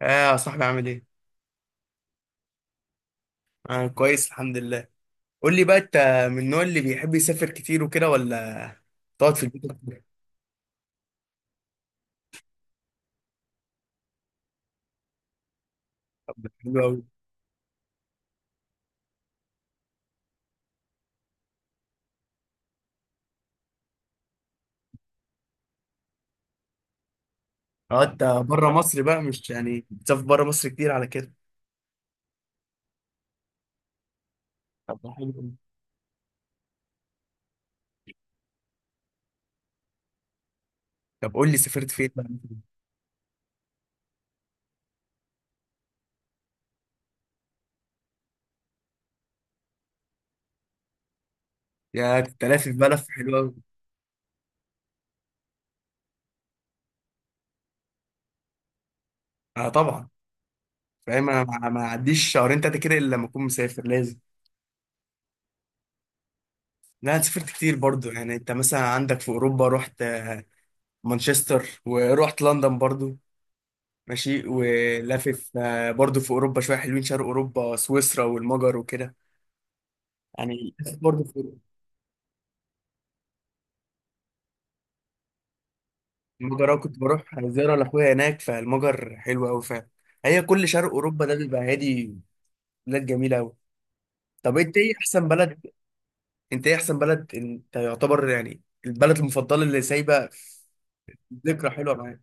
اه، يا صاحبي عامل ايه؟ انا كويس الحمد لله. قول لي بقى، انت من النوع اللي بيحب يسافر كتير وكده، ولا تقعد في البيت أكتر؟ طب ده حلو قوي. قعدت بره مصر بقى؟ مش يعني بتسافر بره مصر كتير على كده؟ طب ده حلو قوي. طب قول لي سافرت فين بقى. يا، كنت لافف بلف، حلو قوي. اه طبعا. فاهم، انا ما عديش شهرين تلاته كده الا لما اكون مسافر، لازم. لا، أنا سافرت كتير برضو. يعني انت مثلا عندك في اوروبا، رحت مانشستر، ورحت لندن برضو. ماشي، ولافف برضو في اوروبا شويه حلوين، شرق اوروبا، سويسرا والمجر وكده. يعني لافف برضو في أوروبا. المجر أنا كنت بروح زياره لاخويا هناك، فالمجر حلو قوي فعلا. هي كل شرق اوروبا ده بيبقى هادي، بلاد جميله قوي. طب انت ايه احسن بلد انت ايه احسن بلد انت يعتبر، يعني البلد المفضله اللي سايبه ذكرى حلوه معاك؟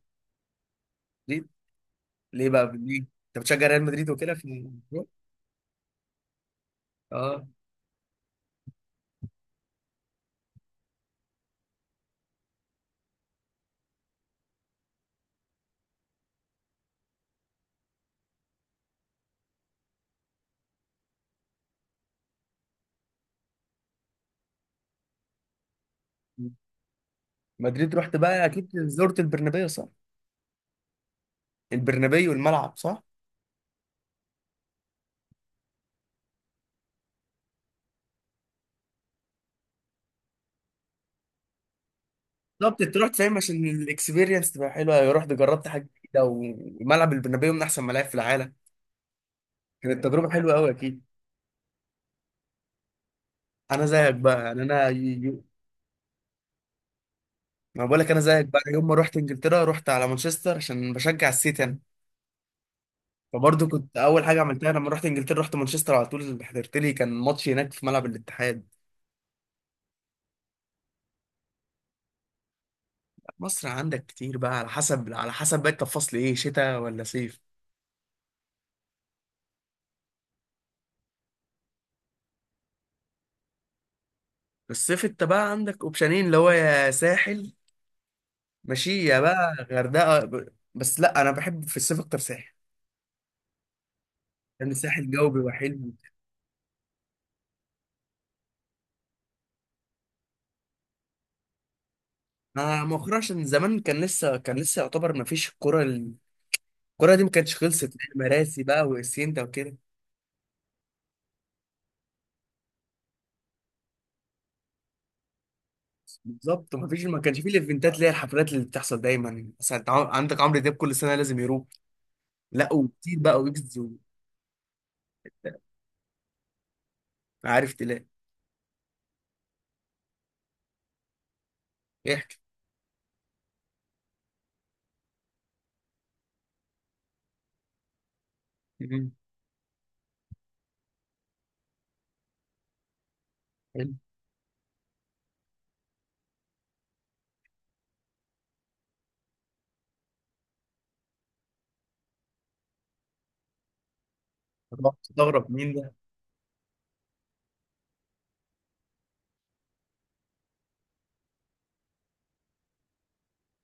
مدريد. ليه بقى، ليه انت بتشجع ريال مدريد وكده؟ في اه مدريد، رحت بقى اكيد زرت البرنابيو صح؟ البرنابيو، الملعب صح؟ بالظبط، انت رحت فاهم عشان الاكسبيرينس تبقى حلوه، رحت جربت حاجه جديده، وملعب البرنابيو من احسن ملاعب في العالم. كانت تجربه حلوه قوي اكيد. انا زيك بقى، يعني انا ما بقول لك انا زيك بقى. يوم ما رحت انجلترا، رحت على مانشستر عشان بشجع السيتي انا. فبرضه كنت اول حاجه عملتها لما رحت انجلترا، رحت مانشستر على طول، حضرت لي كان ماتش هناك في ملعب الاتحاد. مصر عندك كتير بقى، على حسب، على حسب بقى انت في فصل ايه، شتاء ولا صيف؟ في الصيف انت بقى عندك اوبشنين، اللي هو يا ساحل، ماشية بقى غردقة. بس لا، أنا بحب في الصيف أكتر ساحل. لأن الساحل الجو بيبقى حلو. آه، مؤخرا، عشان زمان كان لسه يعتبر ما فيش الكرة. الكرة دي ما كانتش خلصت، مراسي بقى وإسينتا وكده. بالظبط، ما كانش فيه الايفنتات اللي هي الحفلات اللي بتحصل دايما، مثلا أنت عندك عمرو دياب كل سنة لازم يروح. لا، وكتير بقى، ويجز. عارف تلاقي. احكي. مم. حلو. طب تستغرب مين ده؟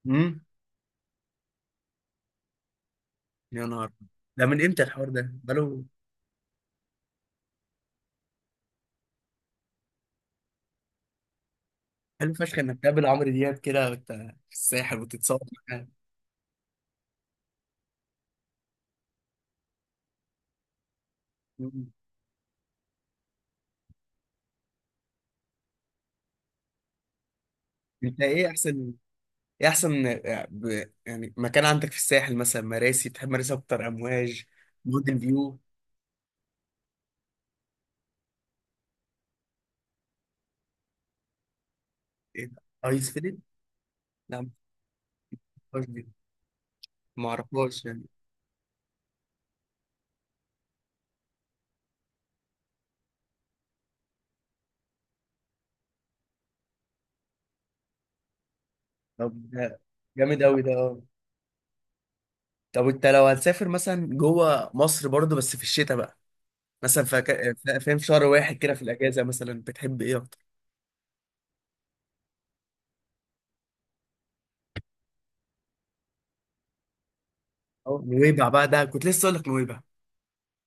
مم. يا نهار. ده من امتى الحوار ده؟ بقاله. حلو فشخ انك تقابل عمرو دياب كده وانت في الساحل وتتصور معاه. مم. انت ايه احسن ايه احسن آه، ب- يعني مكان عندك في الساحل، مثلا مراسي، بتحب مراسي اكتر، امواج، موديل فيو؟ ايه ده، ايس فيلم؟ لا، ما اعرفهاش دي. ما اعرفهاش يعني. طب ده جامد قوي ده، اه. طب انت لو هتسافر مثلا جوه مصر برضه، بس في الشتاء بقى، مثلا فاهم، شهر واحد كده في الاجازه، مثلا بتحب ايه اكتر؟ أو نويبع بقى، ده كنت لسه اقول لك نويبع.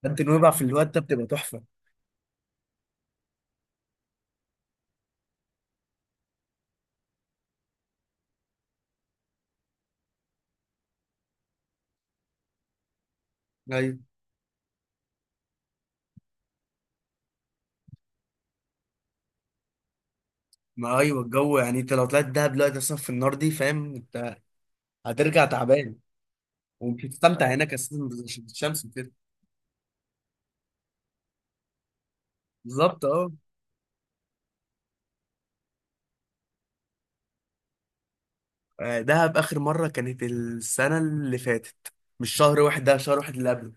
انت نويبع في الوقت ده بتبقى تحفه. ايوه. ما ايوه الجو، يعني انت لو طلعت دهب دلوقتي اصلا في النار دي، فاهم انت، هترجع تعبان، ومش هتستمتع هناك اساسا بالشمس وكده. بالظبط، اه. دهب اخر مره كانت السنه اللي فاتت. مش شهر واحد ده، شهر واحد اللي قبله.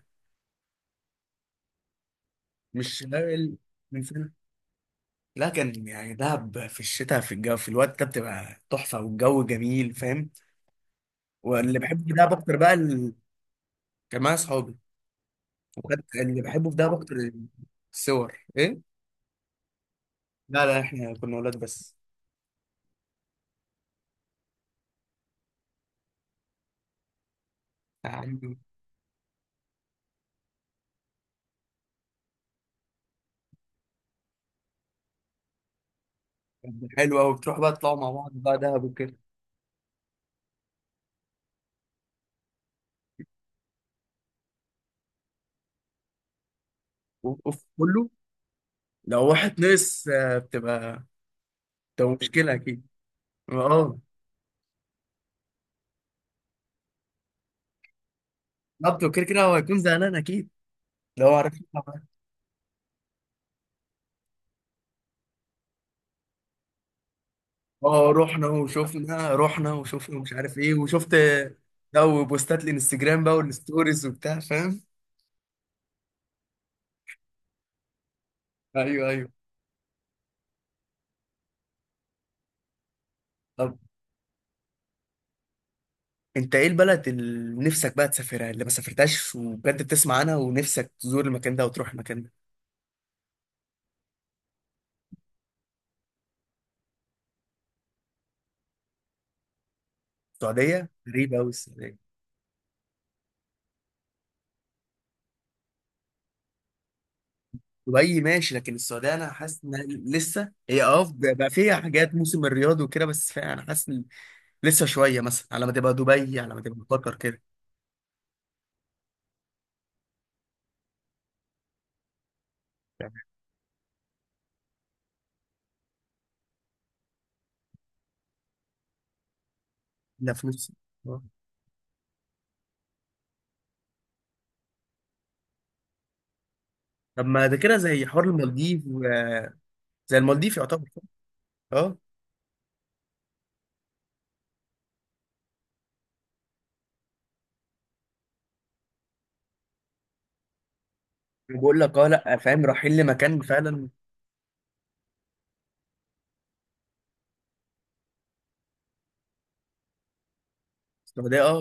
مش، لا. من سنه. لا كان، يعني دهب في الشتاء في الجو في الوقت ده بتبقى تحفه والجو جميل فاهم. واللي بحبه في دهب اكتر بقى. كان معايا اصحابي. وكانت اللي بحبه في دهب اكتر الصور، ايه. لا لا، احنا كنا اولاد بس. طب ده حلو قوي، بتروح بقى تطلعوا مع بعض بقى دهب وكده. اوف، كله. لو واحد نقص بتبقى مشكله اكيد. اه، بالظبط، وكده كده هو هيكون زعلان اكيد لو عارف. اه، رحنا وشفنا، رحنا وشفنا ومش عارف ايه وشفت، ده وبوستات الانستجرام بقى والستوريز وبتاع، فاهم. ايوه ايوه. طب انت ايه البلد اللي نفسك بقى تسافرها، اللي ما سافرتهاش وبجد بتسمع عنها ونفسك تزور المكان ده وتروح المكان ده؟ السعوديه غريبه قوي. دبي ماشي، لكن السعوديه انا حاسس ان لسه هي، بقى فيها حاجات، موسم الرياض وكده، بس فيها انا حاسس ان لسه شويه، مثلا على ما تبقى دبي، على ما تبقى قطر كده. يعني احنا في نص آه. طب ما ده كده زي حوار المالديف. زي المالديف يعتبر. اه. بقول لك، اه لا، فاهم، رايحين لمكان فعلا. السعوديه، اه.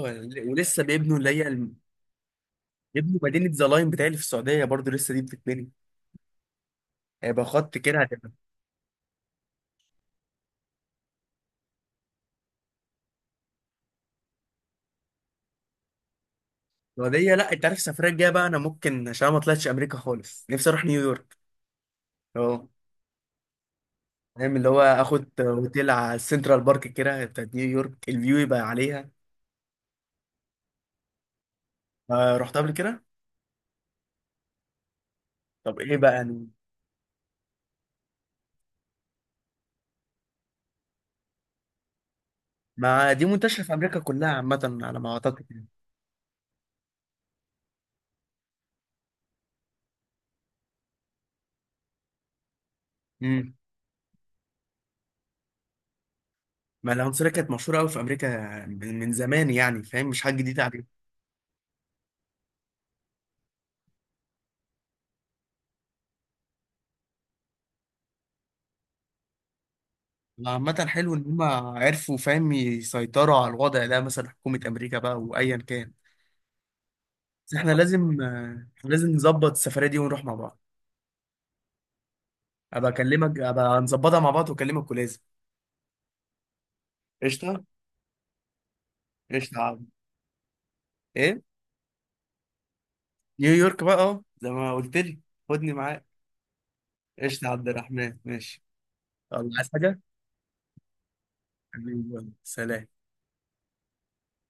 ولسه بيبنوا اللي هي ال- بيبنوا مدينه زلاين بتاعي في السعوديه برضو، لسه دي بتتبني. هيبقى خط كده، هتبقى السعوديه. لا انت عارف، السفريه الجايه بقى انا ممكن، عشان أنا ما طلعتش امريكا خالص، نفسي اروح نيويورك. اه. فاهم، اللي هو اخد اوتيل على السنترال بارك كده بتاعت نيويورك، الفيو يبقى عليها. آه، رحت قبل كده. طب ايه بقى، يعني. ما دي منتشره في امريكا كلها عامه على ما اعتقد يعني. امم. ما العنصريه كانت مشهوره قوي في امريكا من زمان، يعني فاهم، مش حاجه جديده عليهم. عامة حلو إن هما عرفوا فاهم يسيطروا على الوضع ده، مثلا حكومة أمريكا بقى وأيا كان. بس إحنا لازم، لازم نظبط السفرية دي ونروح مع بعض. أبقى أكلمك، أبقى نظبطها مع بعض وأكلمك، ولازم. قشطة. قشطة يا عم. إيه. نيويورك بقى، اه زي ما قلت لي. خدني معاك. قشطة يا عبد الرحمن، ماشي. يلا، عايز حاجة؟ حبيبي يلا. سلام.